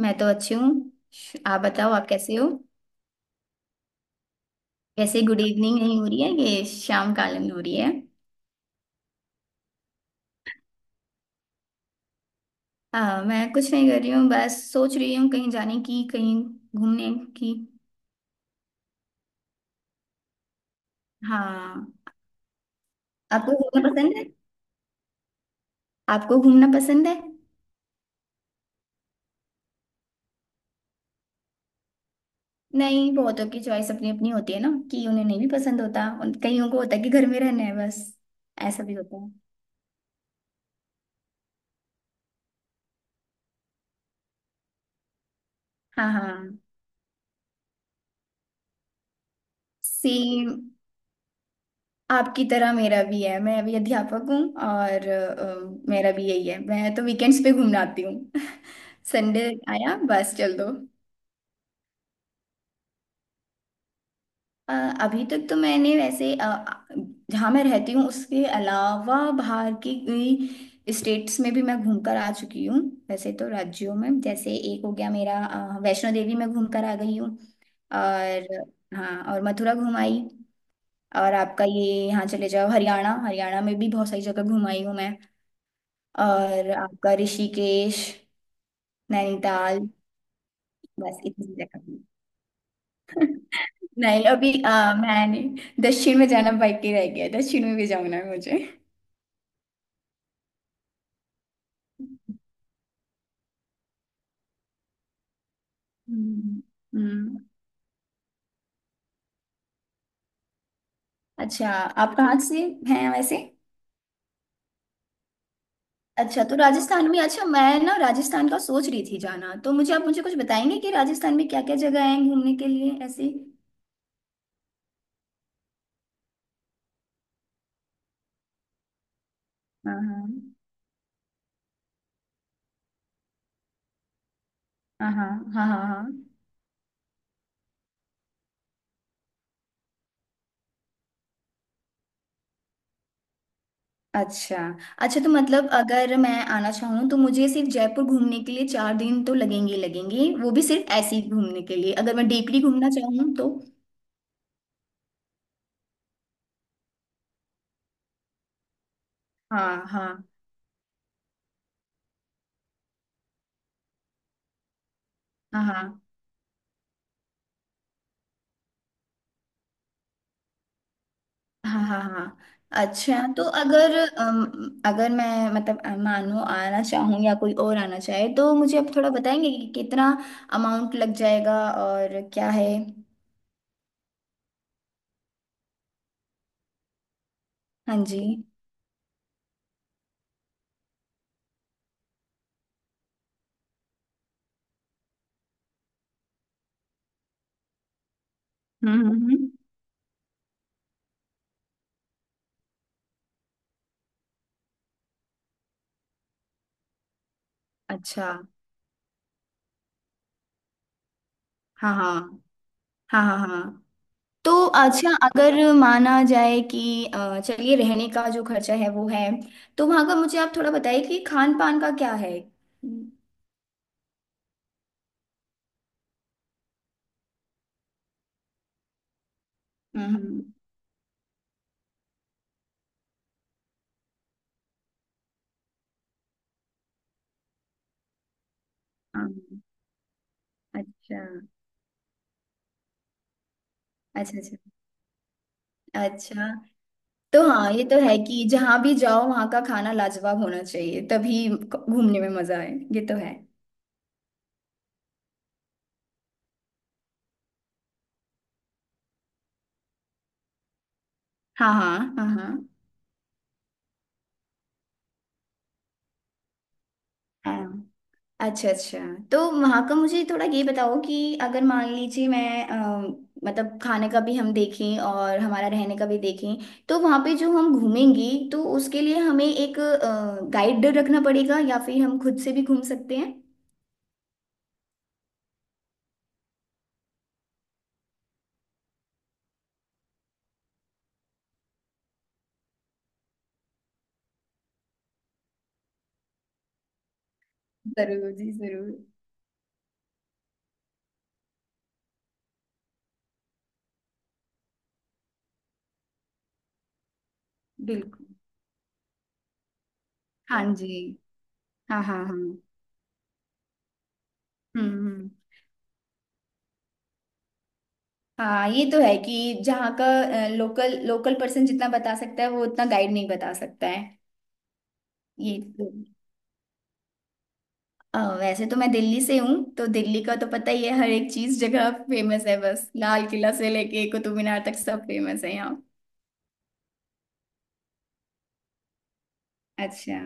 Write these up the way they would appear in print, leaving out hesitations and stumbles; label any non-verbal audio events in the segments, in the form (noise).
मैं तो अच्छी हूँ। आप बताओ, आप कैसे हो? कैसे गुड इवनिंग नहीं हो रही है, ये शाम कालीन हो रही है। हाँ, मैं कुछ नहीं कर रही हूँ, बस सोच रही हूँ कहीं जाने की, कहीं घूमने की। हाँ, आपको घूमना पसंद है? आपको घूमना पसंद है? नहीं, बहुतों की चॉइस अपनी अपनी होती है ना, कि उन्हें नहीं भी पसंद होता, उन कईयों को होता है कि घर में रहना है बस। ऐसा भी होता है। हाँ हाँ। सेम आपकी तरह मेरा भी है, मैं भी अध्यापक हूँ। और मेरा भी यही है, मैं तो वीकेंड्स पे घूमने आती हूँ। (laughs) संडे आया बस चल दो। अ, अभी तक तो मैंने वैसे जहाँ मैं रहती हूँ उसके अलावा बाहर की स्टेट्स में भी मैं घूमकर आ चुकी हूँ। वैसे तो राज्यों में, जैसे एक हो गया मेरा वैष्णो देवी में घूमकर आ गई हूँ। और हाँ, और मथुरा घुमाई। और आपका ये, यहाँ चले जाओ हरियाणा, हरियाणा में भी बहुत सारी जगह घुमाई हूँ मैं। और आपका ऋषिकेश, नैनीताल। बस इतनी जगह पे। नहीं, अभी मैंने दक्षिण में जाना बाकी रह गया, दक्षिण में भी जाना है मुझे। हम्म। हम्म। अच्छा, आप कहाँ से हैं वैसे? अच्छा, तो राजस्थान में। अच्छा, मैं ना राजस्थान का सोच रही थी जाना, तो मुझे आप, मुझे कुछ बताएंगे कि राजस्थान में क्या क्या जगह हैं घूमने के लिए ऐसे? हाँ हाँ हाँ हाँ हाँ हाँ। अच्छा, अच्छा तो मतलब अगर मैं आना चाहूँ तो मुझे सिर्फ जयपुर घूमने के लिए चार दिन तो लगेंगे ही लगेंगे, वो भी सिर्फ ऐसे ही घूमने के लिए, अगर मैं डीपली घूमना चाहूँ तो? हाँ हाँ हाँ हाँ हाँ हाँ हाँ। अच्छा, तो अगर अगर मैं, मतलब मानो आना चाहूँ या कोई और आना चाहे तो मुझे आप थोड़ा बताएंगे कि कितना अमाउंट लग जाएगा और क्या है? हाँ जी। हम्म। हम्म। अच्छा। हाँ हाँ हाँ हाँ हाँ। तो अच्छा, अगर माना जाए कि चलिए रहने का जो खर्चा है वो है, तो वहाँ का मुझे आप थोड़ा बताइए कि खान पान का क्या है? हम्म। हम्म। हाँ। अच्छा अच्छा। अच्छा अच्छा। तो हाँ, ये तो है कि जहाँ भी जाओ वहाँ का खाना लाजवाब होना चाहिए, तभी घूमने में मजा आए, ये तो है। हाँ हाँ हाँ हाँ हाँ। अच्छा अच्छा। तो वहाँ का मुझे थोड़ा ये बताओ कि अगर मान लीजिए मैं मतलब खाने का भी हम देखें और हमारा रहने का भी देखें, तो वहाँ पे जो हम घूमेंगी तो उसके लिए हमें एक गाइड रखना पड़ेगा या फिर हम खुद से भी घूम सकते हैं? जरूर जी, जरूर। बिल्कुल। हाँ जी। हाँ हाँ हाँ। हम्म। हाँ, ये तो है कि जहाँ का लोकल, लोकल पर्सन जितना बता सकता है वो उतना गाइड नहीं बता सकता है। ये वैसे तो मैं दिल्ली से हूँ, तो दिल्ली का तो पता ही है, हर एक चीज, जगह फेमस है, बस लाल किला से लेके कुतुब मीनार तक सब फेमस है यहाँ। अच्छा।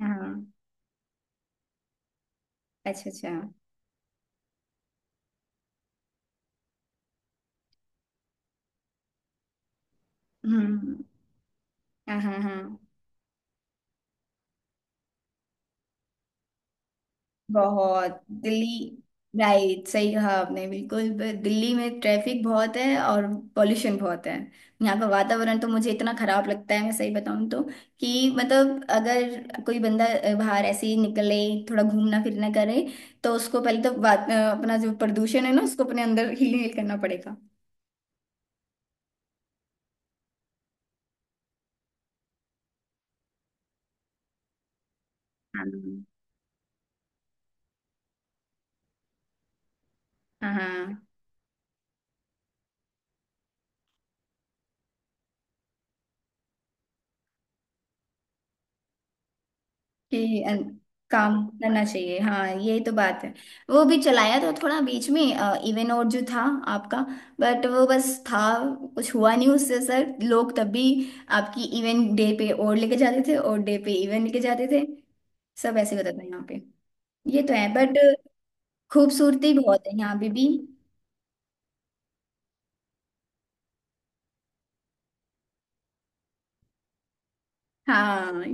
हाँ। अच्छा अच्छा। हम्म। हाँ हाँ हाँ। बहुत दिल्ली, राइट, सही कहा आपने। बिल्कुल दिल्ली में ट्रैफिक बहुत है और पोल्यूशन बहुत है। यहाँ का वातावरण तो मुझे इतना खराब लगता है, मैं सही बताऊँ तो, कि मतलब अगर कोई बंदा बाहर ऐसे ही निकले, थोड़ा घूमना फिरना करे, तो उसको पहले तो अपना जो प्रदूषण है ना उसको अपने अंदर हील करना पड़ेगा। हाँ हाँ हाँ। कि अन- काम करना चाहिए, हाँ यही तो बात है। वो भी चलाया तो थोड़ा बीच में इवन और जो था आपका, बट वो बस था, कुछ हुआ नहीं उससे सर, लोग तब भी आपकी इवन डे पे और लेके जाते थे और डे पे इवन लेके जाते थे, सब ऐसे होता था यहाँ पे। ये तो है, बट खूबसूरती बहुत है यहाँ पे भी। हाँ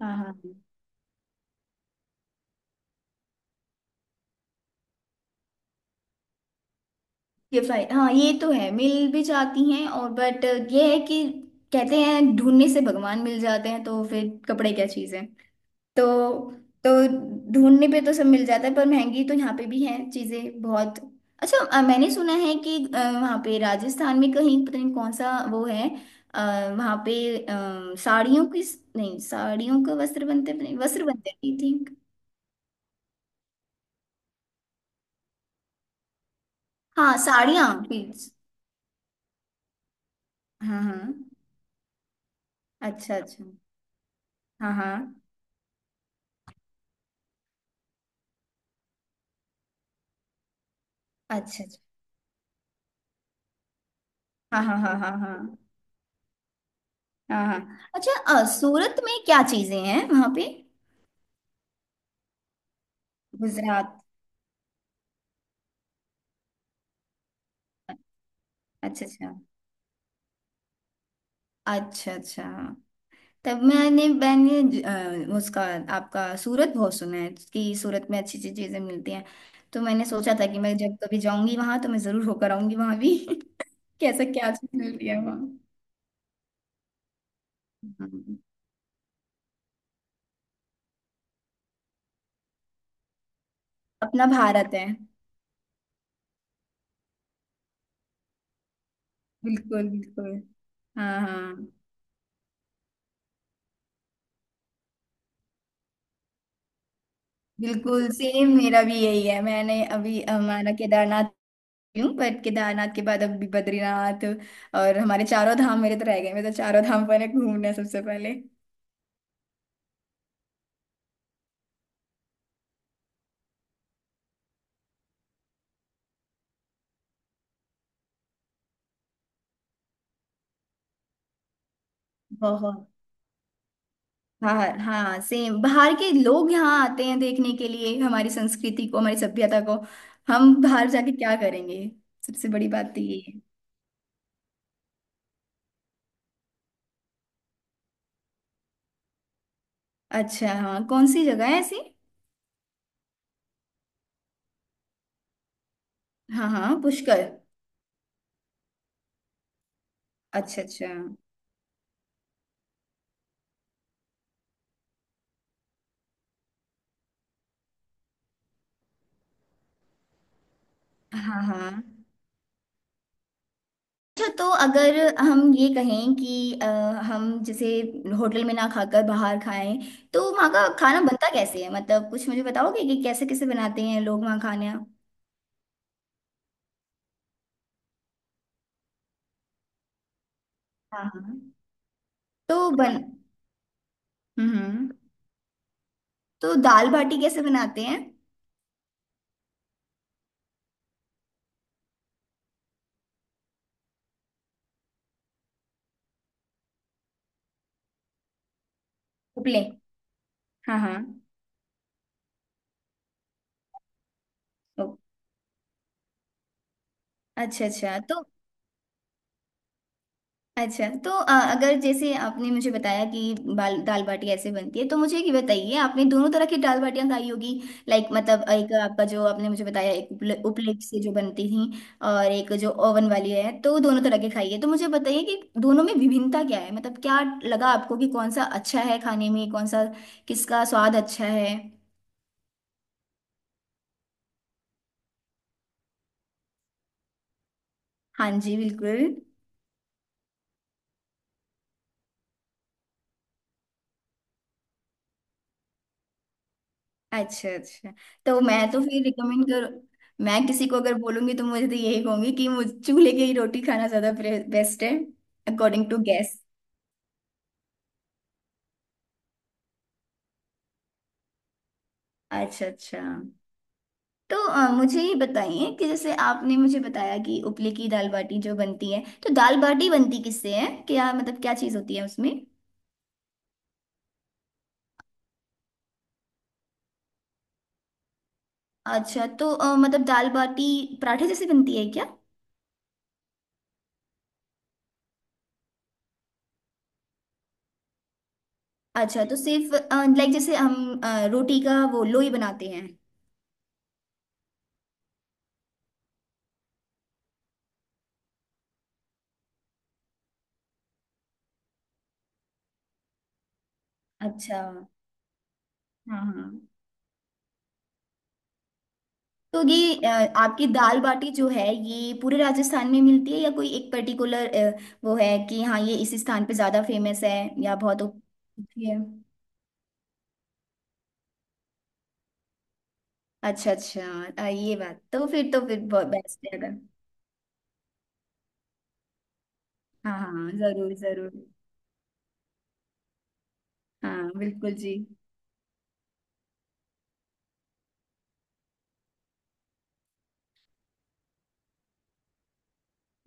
हाँ हाँ। ये फाइ हाँ, ये तो है, मिल भी जाती हैं, और बट ये है कि कहते हैं ढूंढने से भगवान मिल जाते हैं, तो फिर कपड़े क्या चीज़ है। तो तो ढूंढने पे तो सब मिल जाता है, पर महंगी तो यहाँ पे भी है चीज़ें बहुत। अच्छा, मैंने सुना है कि वहाँ पे राजस्थान में कहीं, पता नहीं कौन सा वो है, अ, वहाँ पे साड़ियों की, नहीं साड़ियों का वस्त्र बनते, नहीं वस्त्र बनते आई थिंक। हाँ साड़ियाँ please। हाँ हाँ। अच्छा अच्छा। हाँ हाँ। अच्छा अच्छा। हाँ हाँ हाँ हाँ हाँ हाँ हाँ। अच्छा, सूरत में क्या चीजें हैं वहां पे? गुजरात। अच्छा अच्छा। अच्छा अच्छा। तब मैंने मैंने उसका आपका सूरत बहुत सुना है कि सूरत में अच्छी अच्छी चीजें मिलती हैं, तो मैंने सोचा था कि मैं जब कभी जाऊंगी वहां तो मैं जरूर होकर आऊंगी वहां भी (laughs) कैसा, क्या चीज मिलती है वहाँ। हम्म। अपना भारत है। बिल्कुल बिल्कुल। हाँ हाँ। बिल्कुल सेम, मेरा भी यही है, मैंने अभी हमारा केदारनाथ हूँ, पर केदारनाथ के बाद अभी बद्रीनाथ, और हमारे चारों धाम मेरे तो रह गए, मैं तो चारों धाम पर घूमना है सबसे पहले। बहुत। बाहर, हाँ सेम, बाहर के लोग यहाँ आते हैं देखने के लिए हमारी संस्कृति को, हमारी सभ्यता को। हम बाहर जाके क्या करेंगे, सबसे बड़ी बात तो ये है। अच्छा, हाँ कौन सी जगह है ऐसी? हाँ हाँ पुष्कर। अच्छा अच्छा। हाँ हाँ। अच्छा, तो अगर हम ये कहें कि हम जैसे होटल में ना खाकर बाहर खाएं, तो वहाँ का खाना बनता कैसे है, मतलब कुछ मुझे बताओगे कि कैसे कैसे बनाते हैं लोग वहाँ खाने? हाँ हाँ। तो बन हम्म। तो दाल बाटी कैसे बनाते हैं? उपले। हाँ हाँ। ओ, अच्छा अच्छा। तो अच्छा, तो अगर जैसे आपने मुझे बताया कि बाल दाल बाटी ऐसे बनती है, तो मुझे ये बताइए, आपने दोनों तरह की दाल बाटियाँ खाई होगी, लाइक मतलब एक आपका जो आपने मुझे बताया, एक उपले, उपलेट से जो बनती थी, और एक जो ओवन वाली है, तो दोनों तरह की खाई है, तो मुझे बताइए कि दोनों में विभिन्नता क्या है, मतलब क्या लगा आपको कि कौन सा अच्छा है खाने में, कौन सा, किसका स्वाद अच्छा है? हाँ जी, बिल्कुल। अच्छा अच्छा। तो मैं तो फिर रिकमेंड कर, मैं किसी को अगर बोलूंगी तो मुझे तो यही कहूंगी कि मुझे चूल्हे की रोटी खाना ज्यादा बेस्ट है अकॉर्डिंग टू गैस। अच्छा अच्छा। तो मुझे ये बताइए कि जैसे आपने मुझे बताया कि उपले की दाल बाटी जो बनती है, तो दाल बाटी बनती किससे है क्या, मतलब क्या चीज़ होती है उसमें? अच्छा, तो मतलब दाल बाटी पराठे जैसे बनती है क्या? अच्छा, तो सिर्फ, लाइक जैसे हम रोटी का वो लोई बनाते हैं? अच्छा। हाँ हाँ। तो ये आपकी दाल बाटी जो है ये पूरे राजस्थान में मिलती है या कोई एक पर्टिकुलर वो है कि हाँ ये इस स्थान पे ज्यादा फेमस है, या बहुत ये अच्छा अच्छा। ये बात तो फिर, तो फिर बहुत बेस्ट है अगर। हाँ हाँ, जरूर जरूर। हाँ बिल्कुल जी।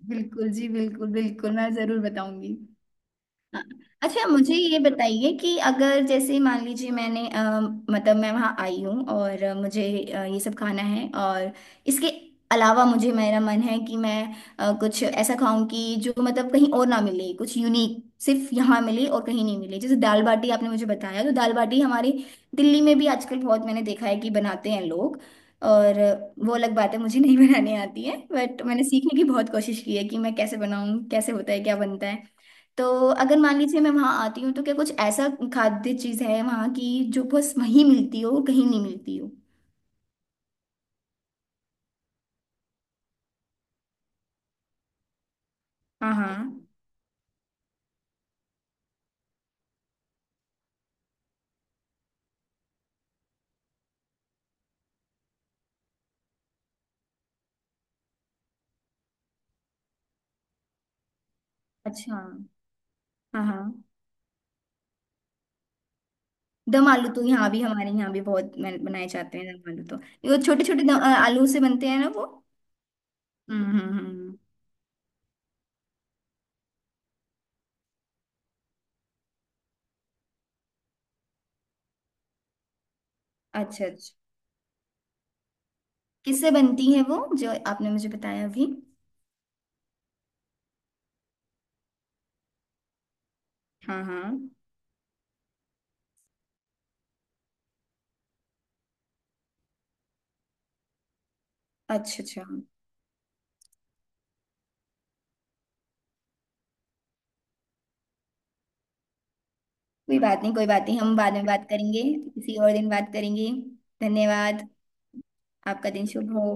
बिल्कुल जी, बिल्कुल बिल्कुल, मैं जरूर बताऊंगी। हाँ। अच्छा, मुझे ये बताइए कि अगर जैसे मान लीजिए मैंने मतलब मैं वहाँ आई हूँ और मुझे ये सब खाना है और इसके अलावा मुझे, मेरा मन है कि मैं कुछ ऐसा खाऊं कि जो मतलब कहीं और ना मिले, कुछ यूनिक, सिर्फ यहाँ मिले और कहीं नहीं मिले, जैसे दाल बाटी आपने मुझे बताया, तो दाल बाटी हमारे दिल्ली में भी आजकल बहुत मैंने देखा है कि बनाते हैं लोग, और वो अलग बात है, मुझे नहीं (laughs) बनाने आती है, बट मैंने सीखने की बहुत कोशिश की है कि मैं कैसे बनाऊं, कैसे होता है, क्या बनता है। तो अगर मान लीजिए मैं वहां आती हूँ, तो क्या कुछ ऐसा खाद्य चीज है वहां की जो बस वहीं मिलती हो, कहीं नहीं मिलती हो? हाँ हाँ। अच्छा। हाँ हाँ। दम आलू तो यहाँ भी, हमारे यहाँ भी बहुत बनाए जाते हैं दम आलू तो। ये छोटे छोटे आलू से बनते हैं ना वो? हम्म। अच्छा अच्छा। किससे बनती है वो, जो आपने मुझे बताया अभी? हाँ हाँ। अच्छा अच्छा। कोई बात नहीं, कोई बात नहीं, हम बाद में बात करेंगे। किसी और दिन बात करेंगे। धन्यवाद। आपका दिन शुभ हो।